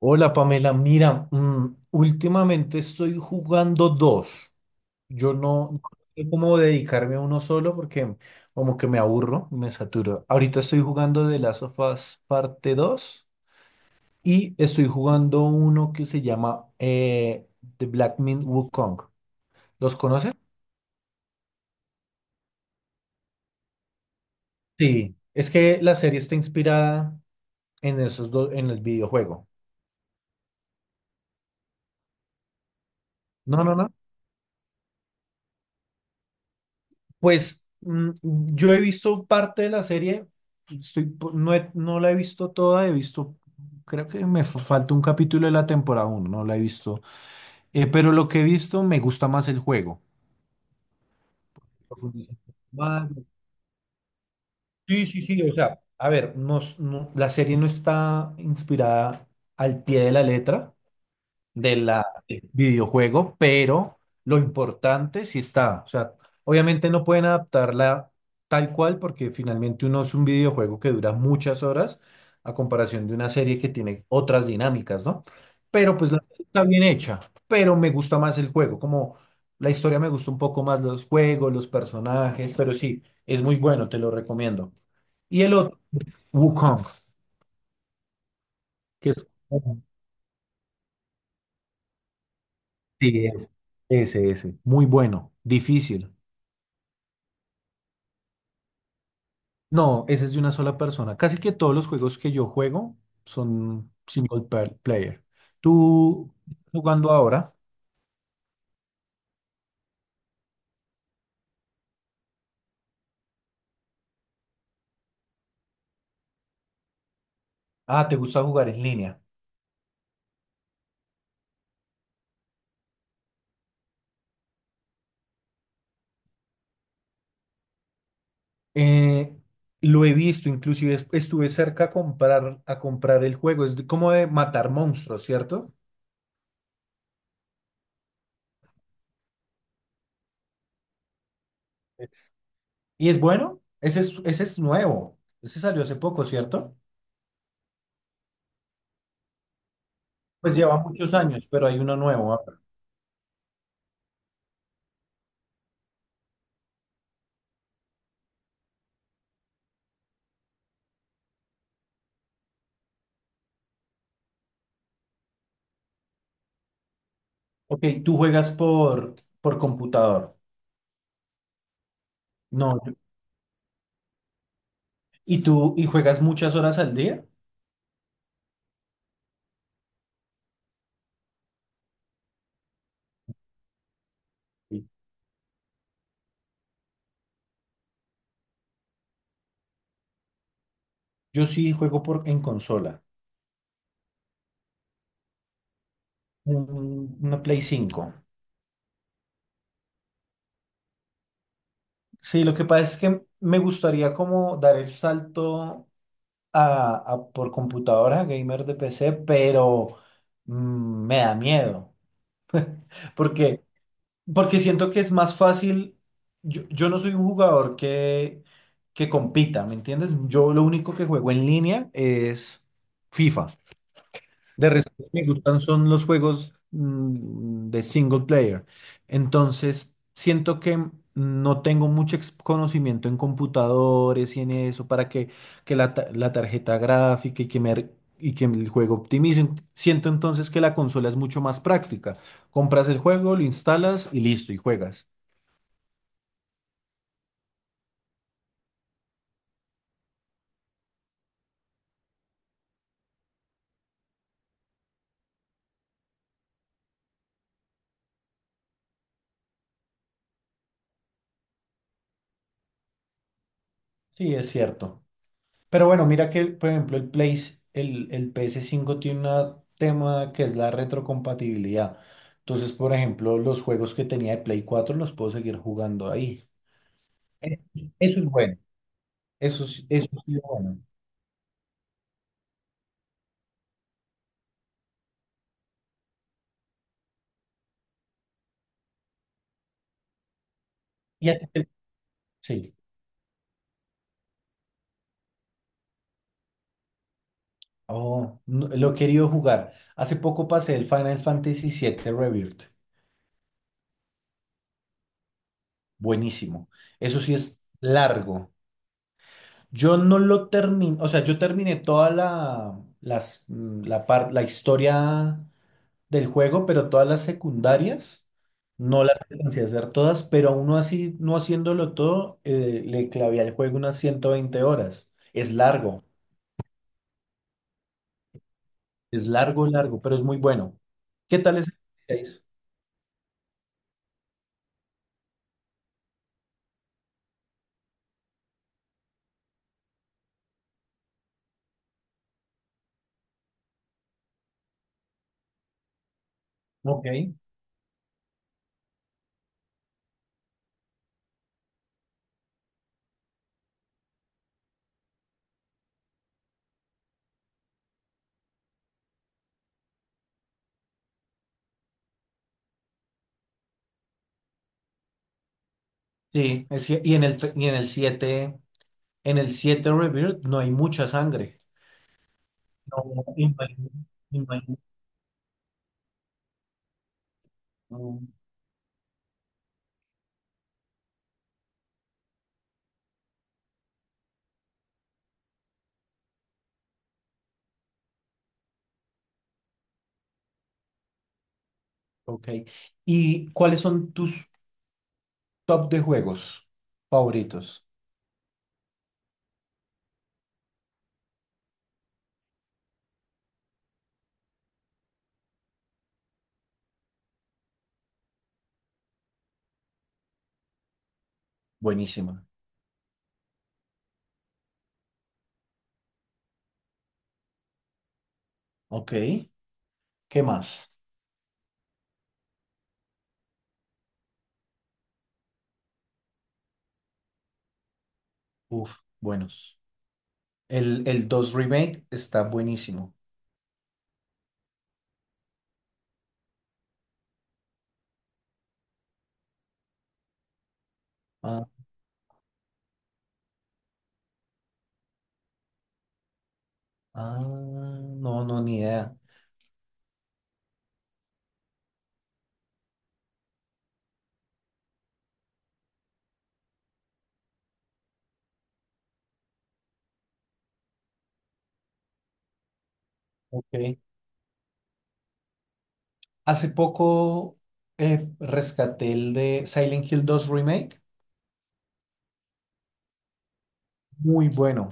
Hola Pamela, mira, últimamente estoy jugando dos. Yo no sé cómo dedicarme a uno solo porque como que me aburro, me saturo. Ahorita estoy jugando The Last of Us parte 2 y estoy jugando uno que se llama The Black Myth Wukong. ¿Los conoces? Sí, es que la serie está inspirada en esos dos, en el videojuego. No, no, no. Pues yo he visto parte de la serie, estoy, po- no, he- no la he visto toda, creo que falta un capítulo de la temporada uno, no la he visto. Pero lo que he visto me gusta más el juego. Más- Sí, sí, sí, o sea, a ver, la serie no está inspirada al pie de la letra, de la del videojuego, pero lo importante sí está. O sea, obviamente no pueden adaptarla tal cual porque finalmente uno es un videojuego que dura muchas horas a comparación de una serie que tiene otras dinámicas, ¿no? Pero pues la serie está bien hecha, pero me gusta más el juego, como la historia me gusta un poco más, los juegos, los personajes, pero sí, es muy bueno, te lo recomiendo. Y el otro, Wukong, que es... Sí, es ese, ese, muy bueno, difícil. No, ese es de una sola persona. Casi que todos los juegos que yo juego son player. Tú jugando ahora, ah, te gusta jugar en línea. Eh, lo he visto, inclusive estuve cerca a comprar el juego. Como de matar monstruos, ¿cierto? Es- Y es bueno, ese es nuevo. Ese salió hace poco, ¿cierto? Pues lleva muchos años, pero hay uno nuevo ahora. Ok, por computador. No, y tú juegas muchas horas al día. Yo sí juego por, en consola, una Play 5. Sí, lo que pasa es que me gustaría como dar el salto a por computadora, gamer de PC, pero me da miedo. Porque, Porque siento que es más fácil. Yo no soy un jugador que compita, ¿me entiendes? Yo lo único que juego en línea es FIFA. De resto, lo que me gustan son los juegos de single player. Entonces, siento que no tengo mucho conocimiento en computadores y en eso para que la tarjeta gráfica y que el juego optimicen. Siento entonces que la consola es mucho más práctica. Compras el juego, lo instalas y listo, y juegas. Sí, es cierto. Pero bueno, mira que, por ejemplo, el ps cinco tiene un tema que es la retrocompatibilidad. Entonces, por ejemplo, los juegos que tenía de Play 4 los puedo seguir jugando ahí. Eh, Eso es bueno. Eso sí es bueno. Y a ti te- sí. Oh, lo he querido jugar. Hace poco pasé el Final Fantasy siete Rebirth. Buenísimo. Eso sí es largo. Yo no lo terminé, o sea, yo terminé toda la, las, mm, la, par- la historia del juego, pero todas las secundarias no las alcancé a hacer todas, pero aún no así, no haciéndolo todo, le clavé al juego unas 120 horas. Es largo, largo, pero es muy bueno. ¿Qué tal es el 6? Ok. Sí, es que- y en el, fe- y en el siete, Rebirth no hay mucha sangre. No, y no hay- y no hay- no, ok. ¿Y cuáles son tus top de juegos favoritos? Buenísima. Ok. ¿Qué más? Uf, buenos. El 2 Remake está buenísimo. Ah, ah, no, no, ni idea. Ok. Hace poco rescaté el de Silent Hill dos Remake. Muy bueno.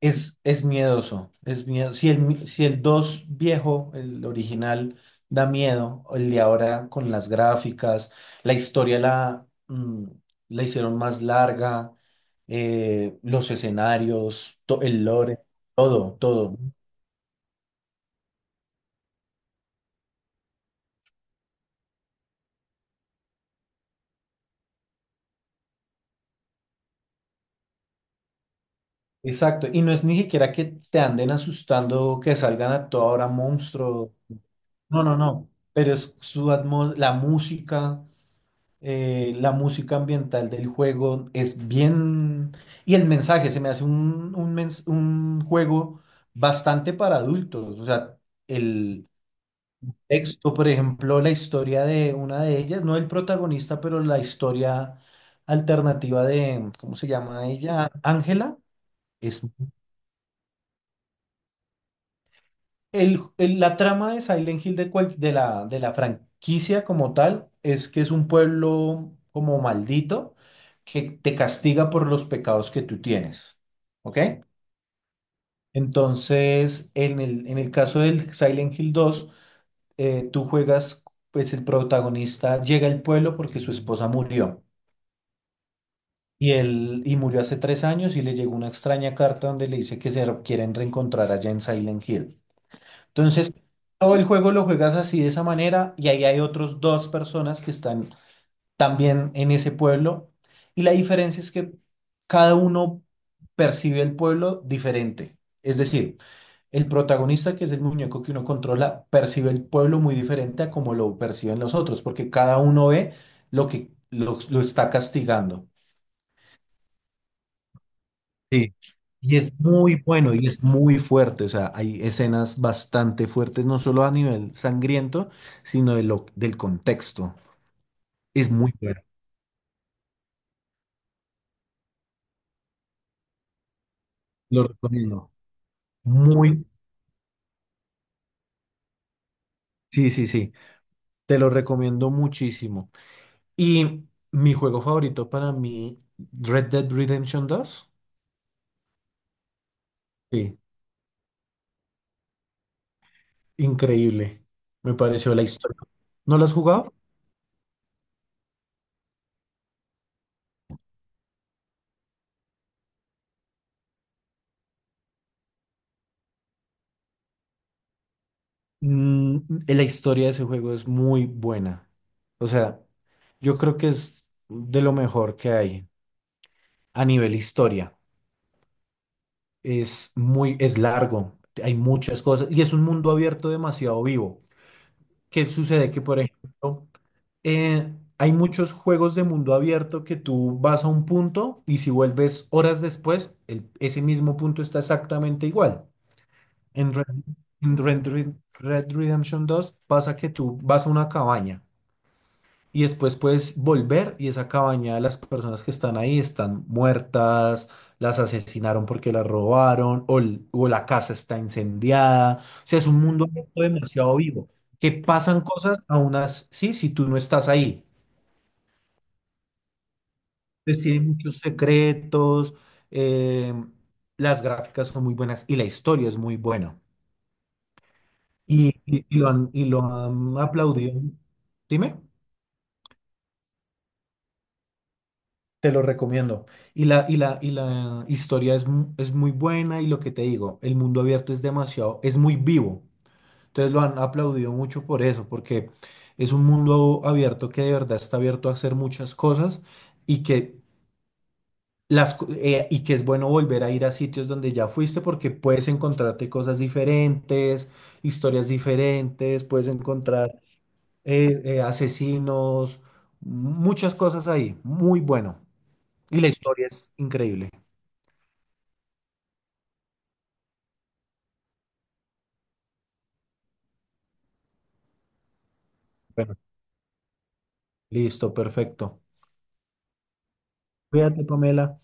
Es miedoso, es miedo. Si el 2 viejo, el original, da miedo, el de ahora con las gráficas, la historia la, mm, la hicieron más larga, los escenarios, el lore, todo, todo. Exacto. Y no es ni siquiera que te anden asustando, que salgan a toda hora monstruos. No, no, no. Pero es la música. La música ambiental del juego es bien... Y el mensaje, se me hace un juego bastante para adultos. O sea, el texto, por ejemplo, la historia de una de ellas, no el protagonista, pero la historia alternativa de, ¿cómo se llama ella? Ángela, es la trama de Silent Hill de, de la franquicia como tal es que es un pueblo como maldito que te castiga por los pecados que tú tienes. ¿Ok? Entonces, en el caso del Silent Hill dos, tú juegas, pues el protagonista llega al pueblo porque su esposa murió. Y murió hace 3 años y le llegó una extraña carta donde le dice que se quieren reencontrar allá en Silent Hill. Entonces, todo el juego lo juegas así de esa manera y ahí hay otros dos personas que están también en ese pueblo y la diferencia es que cada uno percibe el pueblo diferente. Es decir, el protagonista, que es el muñeco que uno controla, percibe el pueblo muy diferente a como lo perciben los otros, porque cada uno ve lo que lo está castigando. Sí, y es muy bueno y es muy fuerte, o sea, hay escenas bastante fuertes, no solo a nivel sangriento, sino del contexto. Es muy bueno, lo recomiendo. Muy, sí, sí, sí, te lo recomiendo muchísimo. Y mi juego favorito para mí, Red Dead Redemption dos. Sí, increíble, me pareció la historia. ¿No lo has jugado? Mm, la historia de ese juego es muy buena. O sea, yo creo que es de lo mejor que hay a nivel historia. Es muy, es largo, hay muchas cosas y es un mundo abierto demasiado vivo. ¿Qué sucede? Que, por ejemplo, eh, hay muchos juegos de mundo abierto que tú vas a un punto y si vuelves horas después, ese mismo punto está exactamente igual. En Red, en Red Redemption 2 pasa que tú vas a una cabaña. Y después puedes volver y esa cabaña, de las personas que están ahí, están muertas, las asesinaron porque las robaron o, la casa está incendiada. O sea, es un mundo demasiado vivo, que pasan cosas sí, si tú no estás ahí. Pues tiene muchos secretos, eh, las gráficas son muy buenas y la historia es muy buena. Y, lo han, y lo han aplaudido. Dime. Te lo recomiendo. Y la historia es, es muy buena y lo que te digo, el mundo abierto es demasiado, es muy vivo. Entonces lo han aplaudido mucho por eso, porque es un mundo abierto que de verdad está abierto a hacer muchas cosas y que, y que es bueno volver a ir a sitios donde ya fuiste porque puedes encontrarte cosas diferentes, historias diferentes, puedes encontrar asesinos, muchas cosas ahí. Muy bueno. Y la historia es increíble. Bueno, listo, perfecto. Cuídate, Pamela.